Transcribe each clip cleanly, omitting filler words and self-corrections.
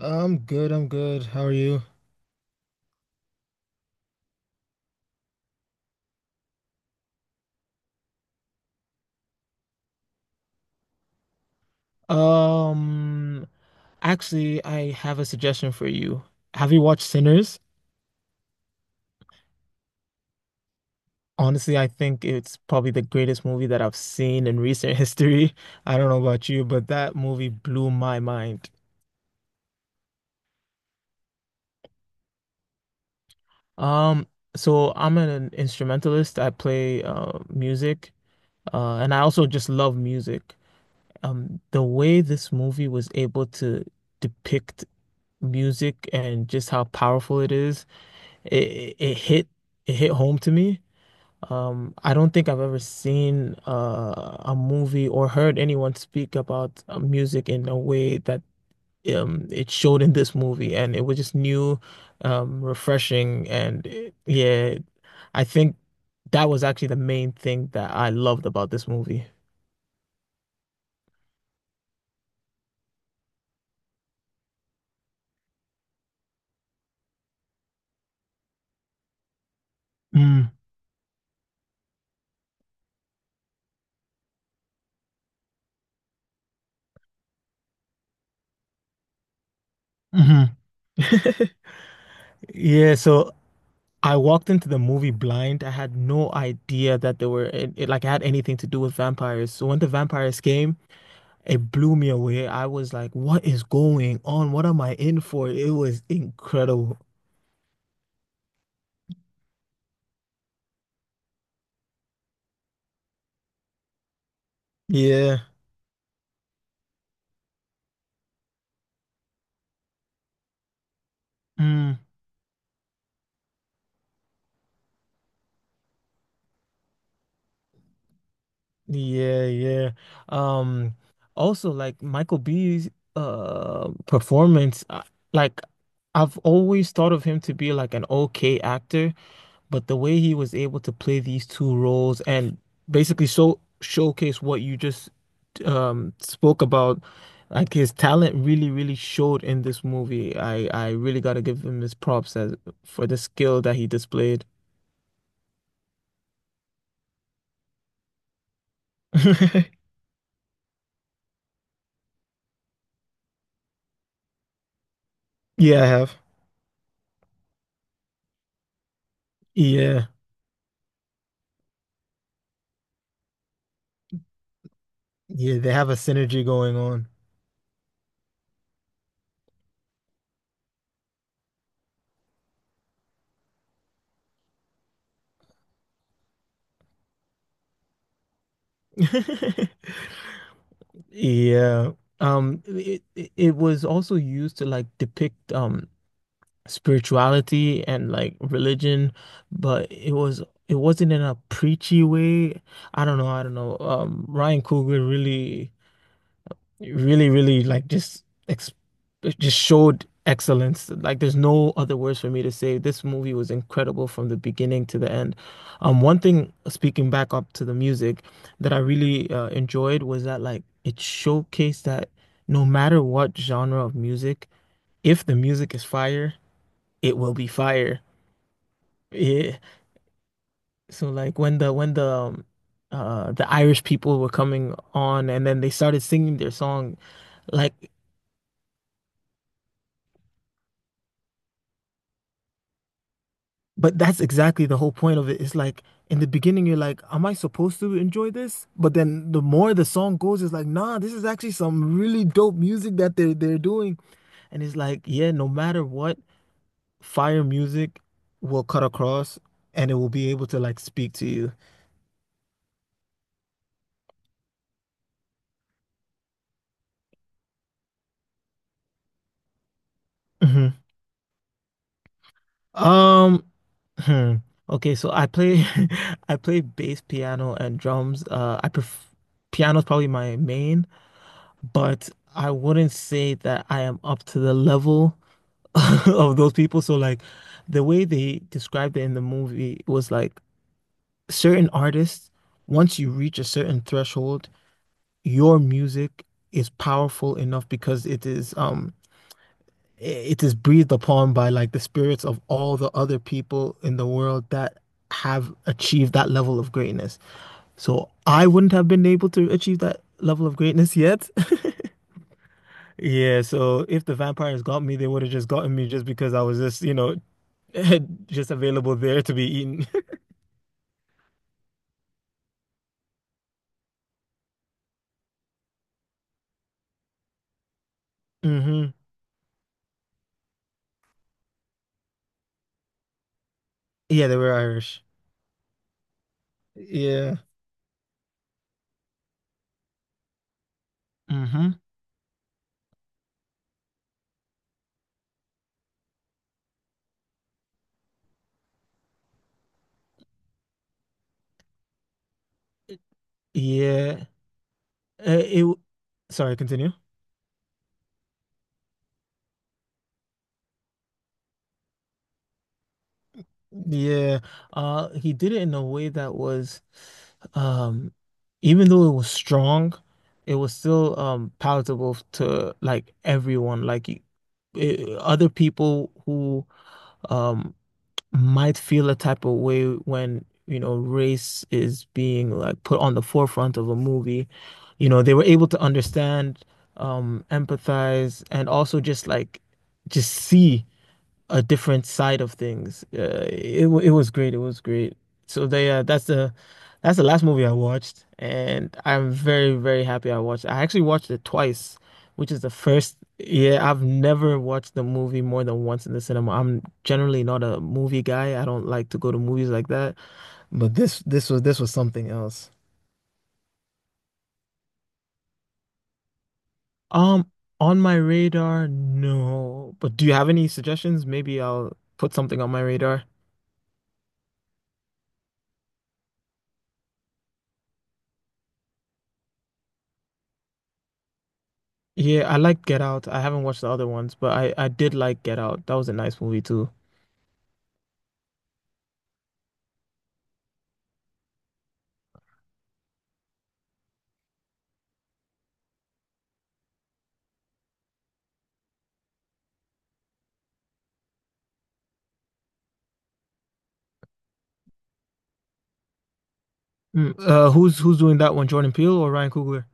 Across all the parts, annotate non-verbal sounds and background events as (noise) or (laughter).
I'm good, I'm good. How are you? Um, Actually, I have a suggestion for you. Have you watched Sinners? Honestly, I think it's probably the greatest movie that I've seen in recent (laughs) history. I don't know about you, but that movie blew my mind. Um, so I'm an instrumentalist. I play music, and I also just love music. The way this movie was able to depict music and just how powerful it is. it it it hit it hit home to me. I don't think I've ever seen a movie or heard anyone speak about music in a way that it showed in this movie, and it was just new, refreshing, and I think that was actually the main thing that I loved about this movie. Mm, hmm. Yeah, so I walked into the movie blind. I had no idea that there were it, it- like I had anything to do with vampires. So when the vampires came. It blew me away. I was like, what is going on? What am I in for? It was incredible. Yeah. Mm. Yeah, yeah. Um, also like Michael B's performance, like I've always thought of him to be like an okay actor, but the way he was able to play these two roles and basically showcase what you just spoke about like his talent, really, really showed in this movie. I really got to give him his props as for the skill that he displayed. (laughs) Yeah, I have. Yeah. Yeah, they have a synergy going on. (laughs) Yeah. It was also used to like depict spirituality and like religion, but it wasn't in a preachy way. I don't know, I don't know. Ryan Coogler really really, really like just ex just showed excellence. Like there's no other words for me to say. This movie was incredible from the beginning to the end. One thing, speaking back up to the music, that I really enjoyed was that like it showcased that no matter what genre of music, if the music is fire, it will be fire. Yeah. So like when the Irish people were coming on and then they started singing their song. Like But that's exactly the whole point of it. It's like in the beginning, you're like, am I supposed to enjoy this? But then the more the song goes, it's like, nah, this is actually some really dope music that they're doing. And it's like, yeah, no matter what, fire music will cut across and it will be able to like speak to you. Hmm. Um, hmm. Okay, so I play (laughs) I play bass, piano, and drums. I pref Piano's probably my main, but I wouldn't say that I am up to the level (laughs) of those people. So like the way they described it in the movie was like certain artists, once you reach a certain threshold, your music is powerful enough because it is breathed upon by like the spirits of all the other people in the world that have achieved that level of greatness. So I wouldn't have been able to achieve that level of greatness yet. (laughs) Yeah, so if the vampires got me, they would have just gotten me just because I was just, you know, (laughs) just available there to be eaten. (laughs) Hmm. Yeah, they were Irish. Yeah. Hmm. Yeah. Uh, it. w- Sorry, continue. Yeah. He did it in a way that was, um, even though it was strong, it was still palatable to like everyone. Other people who um might feel a type of way when, you know, race is being like put on the forefront of a movie. You know, they were able to understand, empathize, and also just like just see a different side of things. It was great. It was great. So they that's the last movie I watched, and I'm very very happy I watched. I actually watched it twice, which is the first. Yeah, I've never watched the movie more than once in the cinema. I'm generally not a movie guy. I don't like to go to movies like that. But this was something else. Um, on my radar, no. But do you have any suggestions? Maybe I'll put something on my radar. Yeah, I like Get Out. I haven't watched the other ones, but I did like Get Out. That was a nice movie too. Mm. Who's doing that one? Jordan Peele or Ryan Coogler?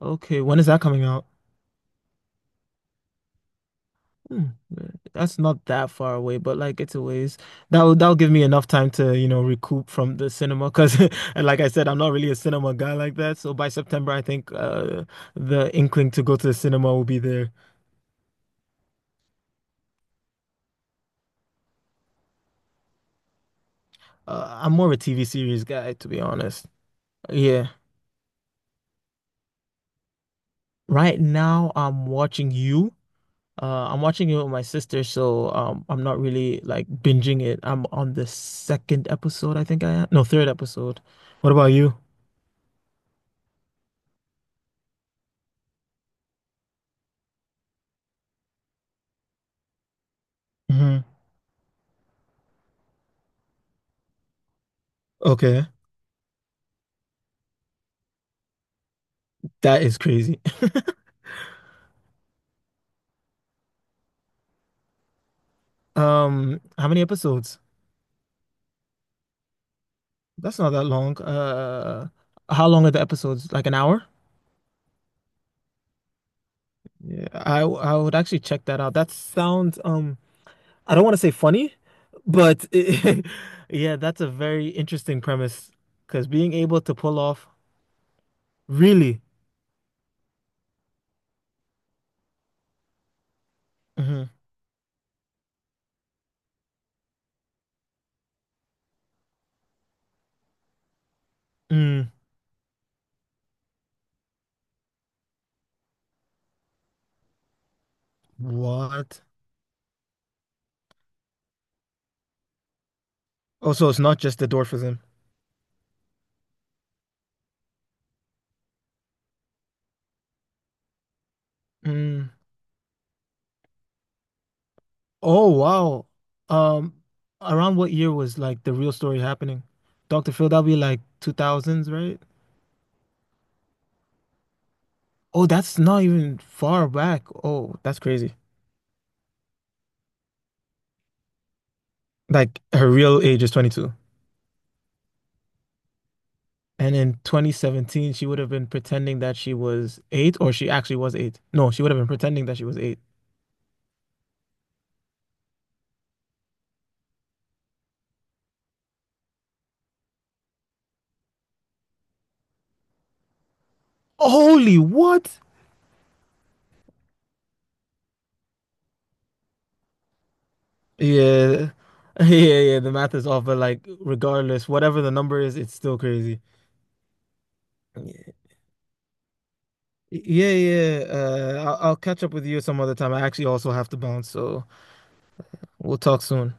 Okay, when is that coming out? Hmm, that's not that far away, but like it's a ways. That'll give me enough time to, you know, recoup from the cinema because, (laughs) and like I said, I'm not really a cinema guy like that. So by September, I think the inkling to go to the cinema will be there. I'm more of a TV series guy, to be honest. Yeah. Right now, I'm watching You. I'm watching it with my sister, so I'm not really like binging it. I'm on the second episode, I think I am. No, third episode. What about you? Hmm. Okay, that is crazy. (laughs) How many episodes? That's not that long. How long are the episodes? Like an hour? Yeah, I would actually check that out. That sounds I don't want to say funny, but (laughs) yeah, that's a very interesting premise because being able to pull off really. Hmm. What? Oh, so it's not just the dwarfism. Mm. Oh, wow. Um, around what year was like the real story happening? Dr. Phil, that'll be like 2000s, right? Oh, that's not even far back. Oh, that's crazy. Like her real age is 22. And in 2017, she would have been pretending that she was eight, or she actually was eight. No, she would have been pretending that she was eight. Holy what? Yeah. (laughs) Yeah, yeah, the math is off, but like regardless, whatever the number is, it's still crazy. Yeah, yeah, yeah. I'll catch up with you some other time. I actually also have to bounce, so we'll talk soon.